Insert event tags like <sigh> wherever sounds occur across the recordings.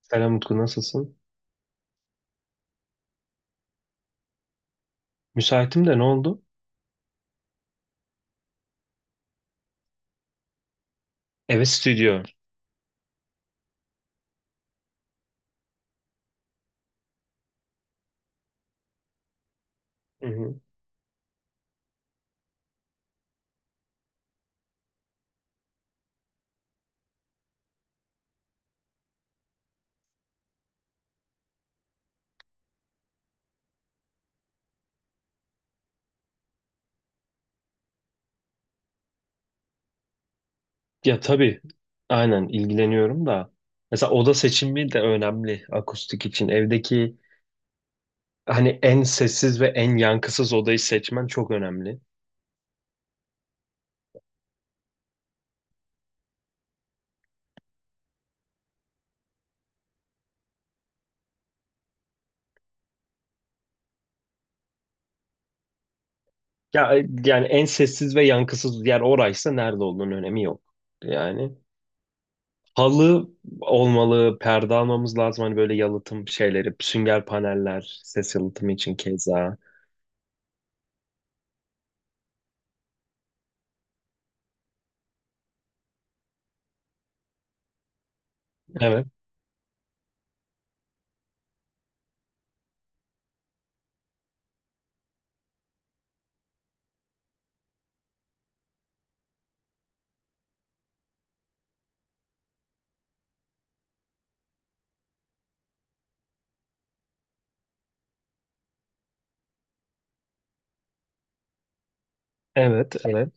Selam Utku, nasılsın? Müsaitim de ne oldu? Evet, stüdyo. Hı hı. Ya tabii, aynen ilgileniyorum da mesela oda seçimi de önemli akustik için. Evdeki hani en sessiz ve en yankısız odayı seçmen çok önemli. Ya yani en sessiz ve yankısız yer oraysa nerede olduğunun önemi yok. Yani halı olmalı, perde almamız lazım. Hani böyle yalıtım şeyleri, sünger paneller, ses yalıtımı için keza. Evet, evet, evet.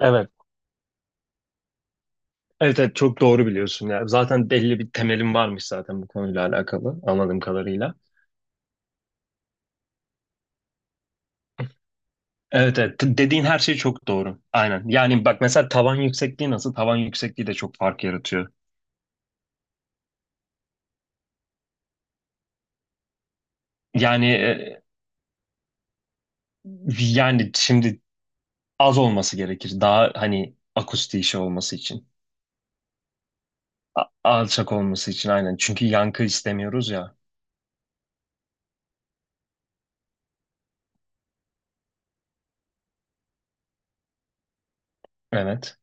Evet, evet, evet, çok doğru biliyorsun. Ya zaten belli bir temelim varmış zaten bu konuyla alakalı anladığım kadarıyla. Evet, evet. Dediğin her şey çok doğru. Aynen. Yani bak mesela tavan yüksekliği nasıl? Tavan yüksekliği de çok fark yaratıyor. Yani yani şimdi az olması gerekir. Daha hani akustik işi olması için. Alçak olması için, aynen. Çünkü yankı istemiyoruz ya. Evet.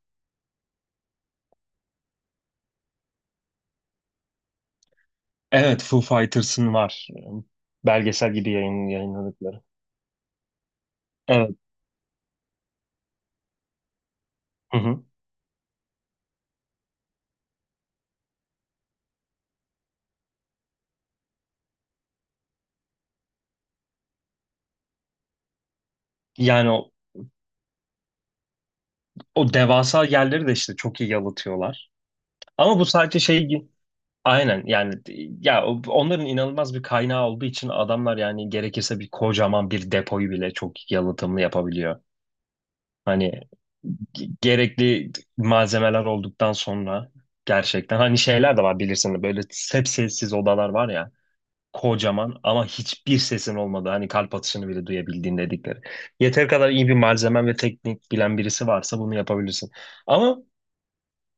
Evet, Foo Fighters'ın var. Belgesel gibi yayınladıkları. Evet. Hı hı. Yani o devasa yerleri de işte çok iyi yalıtıyorlar. Ama bu sadece şey gibi. Aynen yani ya onların inanılmaz bir kaynağı olduğu için adamlar yani gerekirse bir kocaman bir depoyu bile çok yalıtımlı yapabiliyor. Hani gerekli malzemeler olduktan sonra gerçekten hani şeyler de var bilirsin böyle hep sessiz odalar var ya. Kocaman ama hiçbir sesin olmadı. Hani kalp atışını bile duyabildiğin dedikleri. Yeter kadar iyi bir malzemen ve teknik bilen birisi varsa bunu yapabilirsin. Ama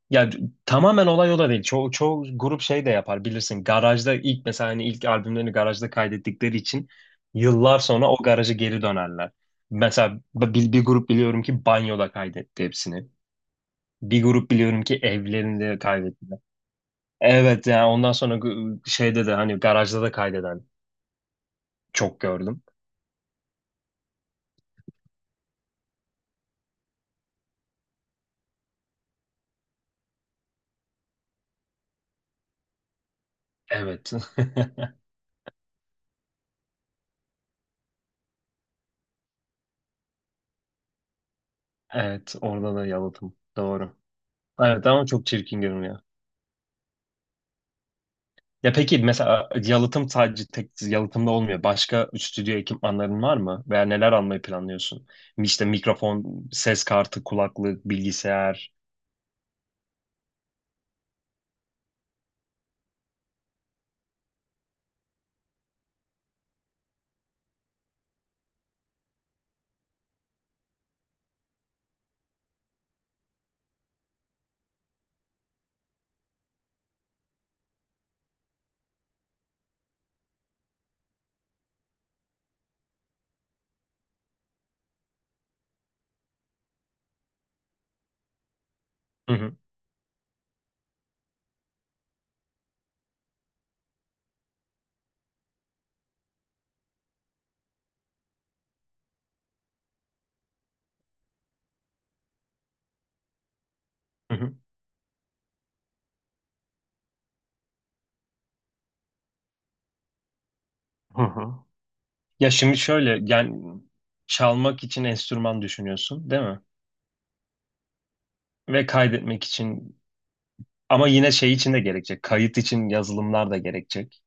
ya tamamen olay o da değil. Çoğu grup şey de yapar bilirsin. Garajda ilk mesela hani ilk albümlerini garajda kaydettikleri için yıllar sonra o garaja geri dönerler. Mesela bir grup biliyorum ki banyoda kaydetti hepsini. Bir grup biliyorum ki evlerinde kaydetti. Evet yani ondan sonra şeyde de hani garajda da kaydeden çok gördüm. Evet. <laughs> Evet, orada da yalıtım. Doğru. Evet ama çok çirkin görünüyor. Ya peki mesela yalıtım sadece tek yalıtımda olmuyor. Başka stüdyo ekipmanların var mı? Veya neler almayı planlıyorsun? İşte mikrofon, ses kartı, kulaklık, bilgisayar. Hı hı, hı hı, hı hı. Ya şimdi şöyle yani çalmak için enstrüman düşünüyorsun, değil mi? Ve kaydetmek için ama yine şey için de gerekecek. Kayıt için yazılımlar da gerekecek.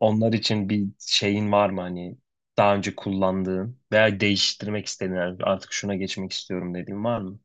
Onlar için bir şeyin var mı hani daha önce kullandığın veya değiştirmek istediğin yani artık şuna geçmek istiyorum dediğin var mı?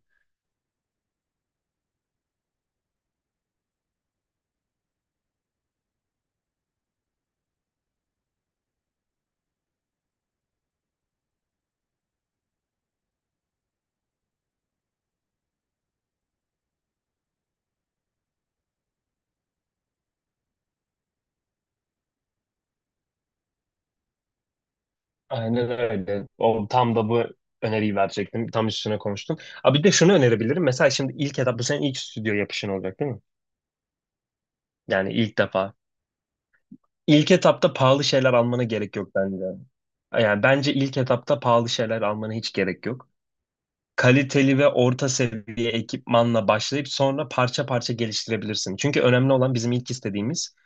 Aynen öyle. O, tam da bu öneriyi verecektim. Tam üstüne konuştum. Abi bir de şunu önerebilirim. Mesela şimdi ilk etap bu senin ilk stüdyo yapışın olacak, değil mi? Yani ilk defa. İlk etapta pahalı şeyler almana gerek yok bence. Yani bence ilk etapta pahalı şeyler almana hiç gerek yok. Kaliteli ve orta seviye ekipmanla başlayıp sonra parça parça geliştirebilirsin. Çünkü önemli olan bizim ilk istediğimiz,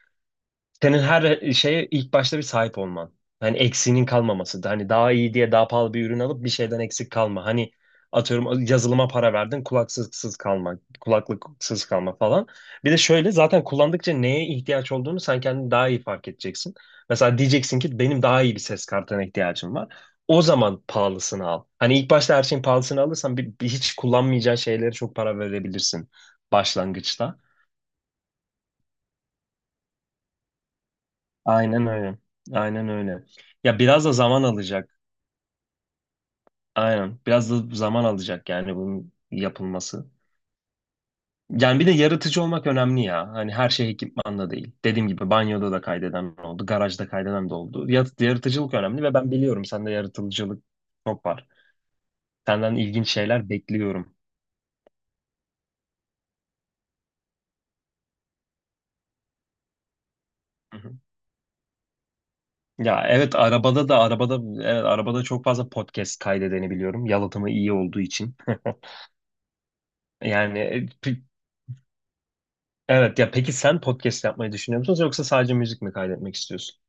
senin her şeye ilk başta bir sahip olman. Hani eksiğinin kalmaması. Hani daha iyi diye daha pahalı bir ürün alıp bir şeyden eksik kalma. Hani atıyorum yazılıma para verdin, kulaksızsız kalma, kulaklıksız kalma falan. Bir de şöyle zaten kullandıkça neye ihtiyaç olduğunu sen kendin daha iyi fark edeceksin. Mesela diyeceksin ki benim daha iyi bir ses kartına ihtiyacım var. O zaman pahalısını al. Hani ilk başta her şeyin pahalısını alırsan bir hiç kullanmayacağın şeylere çok para verebilirsin başlangıçta. Aynen öyle. Aynen öyle. Ya biraz da zaman alacak. Aynen. Biraz da zaman alacak yani bunun yapılması. Yani bir de yaratıcı olmak önemli ya. Hani her şey ekipmanla değil. Dediğim gibi banyoda da kaydeden oldu, garajda kaydeden de oldu. Yaratıcılık önemli ve ben biliyorum sende yaratıcılık çok var. Senden ilginç şeyler bekliyorum. Hı hı. Ya evet, arabada da arabada, evet arabada çok fazla podcast kaydedeni biliyorum. Yalıtımı iyi olduğu için. <laughs> Yani evet ya, peki sen podcast yapmayı düşünüyor musun yoksa sadece müzik mi kaydetmek istiyorsun?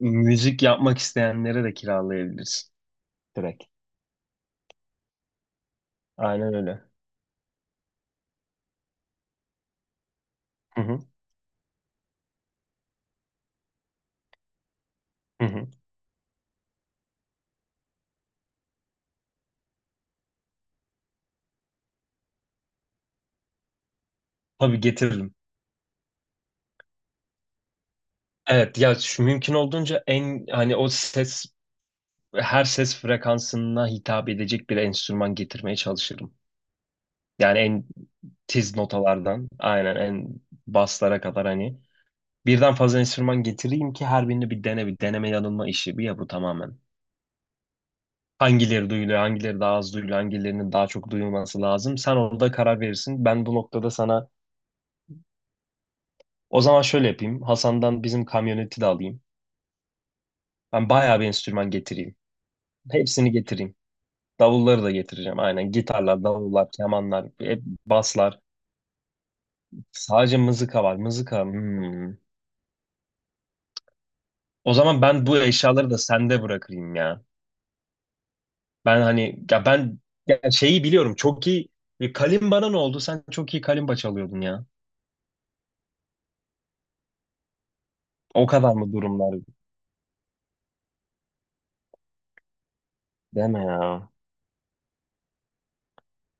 Müzik yapmak isteyenlere de kiralayabilirsin direkt. Aynen öyle. Hı hı, hı hı. Tabii getiririm. Evet ya şu mümkün olduğunca en hani o ses, her ses frekansına hitap edecek bir enstrüman getirmeye çalışırım. Yani en tiz notalardan aynen en baslara kadar hani birden fazla enstrüman getireyim ki her birini bir dene, bir deneme yanılma işi bir ya bu tamamen. Hangileri duyuluyor, hangileri daha az duyuluyor, hangilerinin daha çok duyulması lazım. Sen orada karar verirsin. Ben bu noktada sana o zaman şöyle yapayım. Hasan'dan bizim kamyoneti de alayım. Ben bayağı bir enstrüman getireyim. Hepsini getireyim. Davulları da getireceğim. Aynen, gitarlar, davullar, kemanlar, hep baslar. Sadece mızıka var. Mızıka. Hmm. O zaman ben bu eşyaları da sende bırakayım ya. Ben hani ya ben ya şeyi biliyorum. Çok iyi. E, Kalimbana ne oldu? Sen çok iyi kalimba çalıyordun ya. O kadar mı durumlar? Deme ya.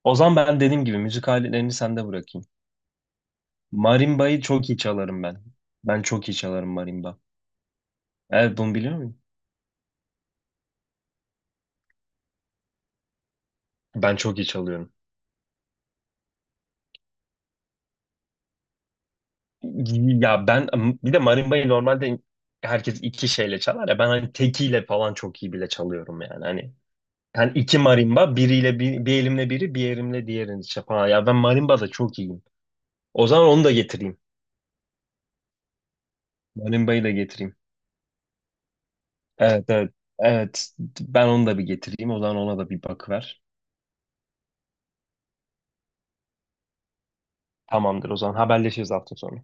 O zaman ben dediğim gibi müzik aletlerini sende bırakayım. Marimba'yı çok iyi çalarım ben. Ben çok iyi çalarım marimba. Evet, bunu biliyor muyum? Ben çok iyi çalıyorum. Ya ben bir de marimba'yı normalde herkes iki şeyle çalar ya, ben hani tekiyle falan çok iyi bile çalıyorum yani hani yani iki marimba biriyle, bir bir elimle biri bir elimle diğerini işte falan ya ben marimba da çok iyiyim. O zaman onu da getireyim. Marimba'yı da getireyim. Evet, evet, evet, ben onu da bir getireyim o zaman ona da bir bakıver. Tamamdır, o zaman haberleşiriz hafta sonu.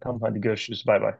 Tamam hadi görüşürüz. Bay bay.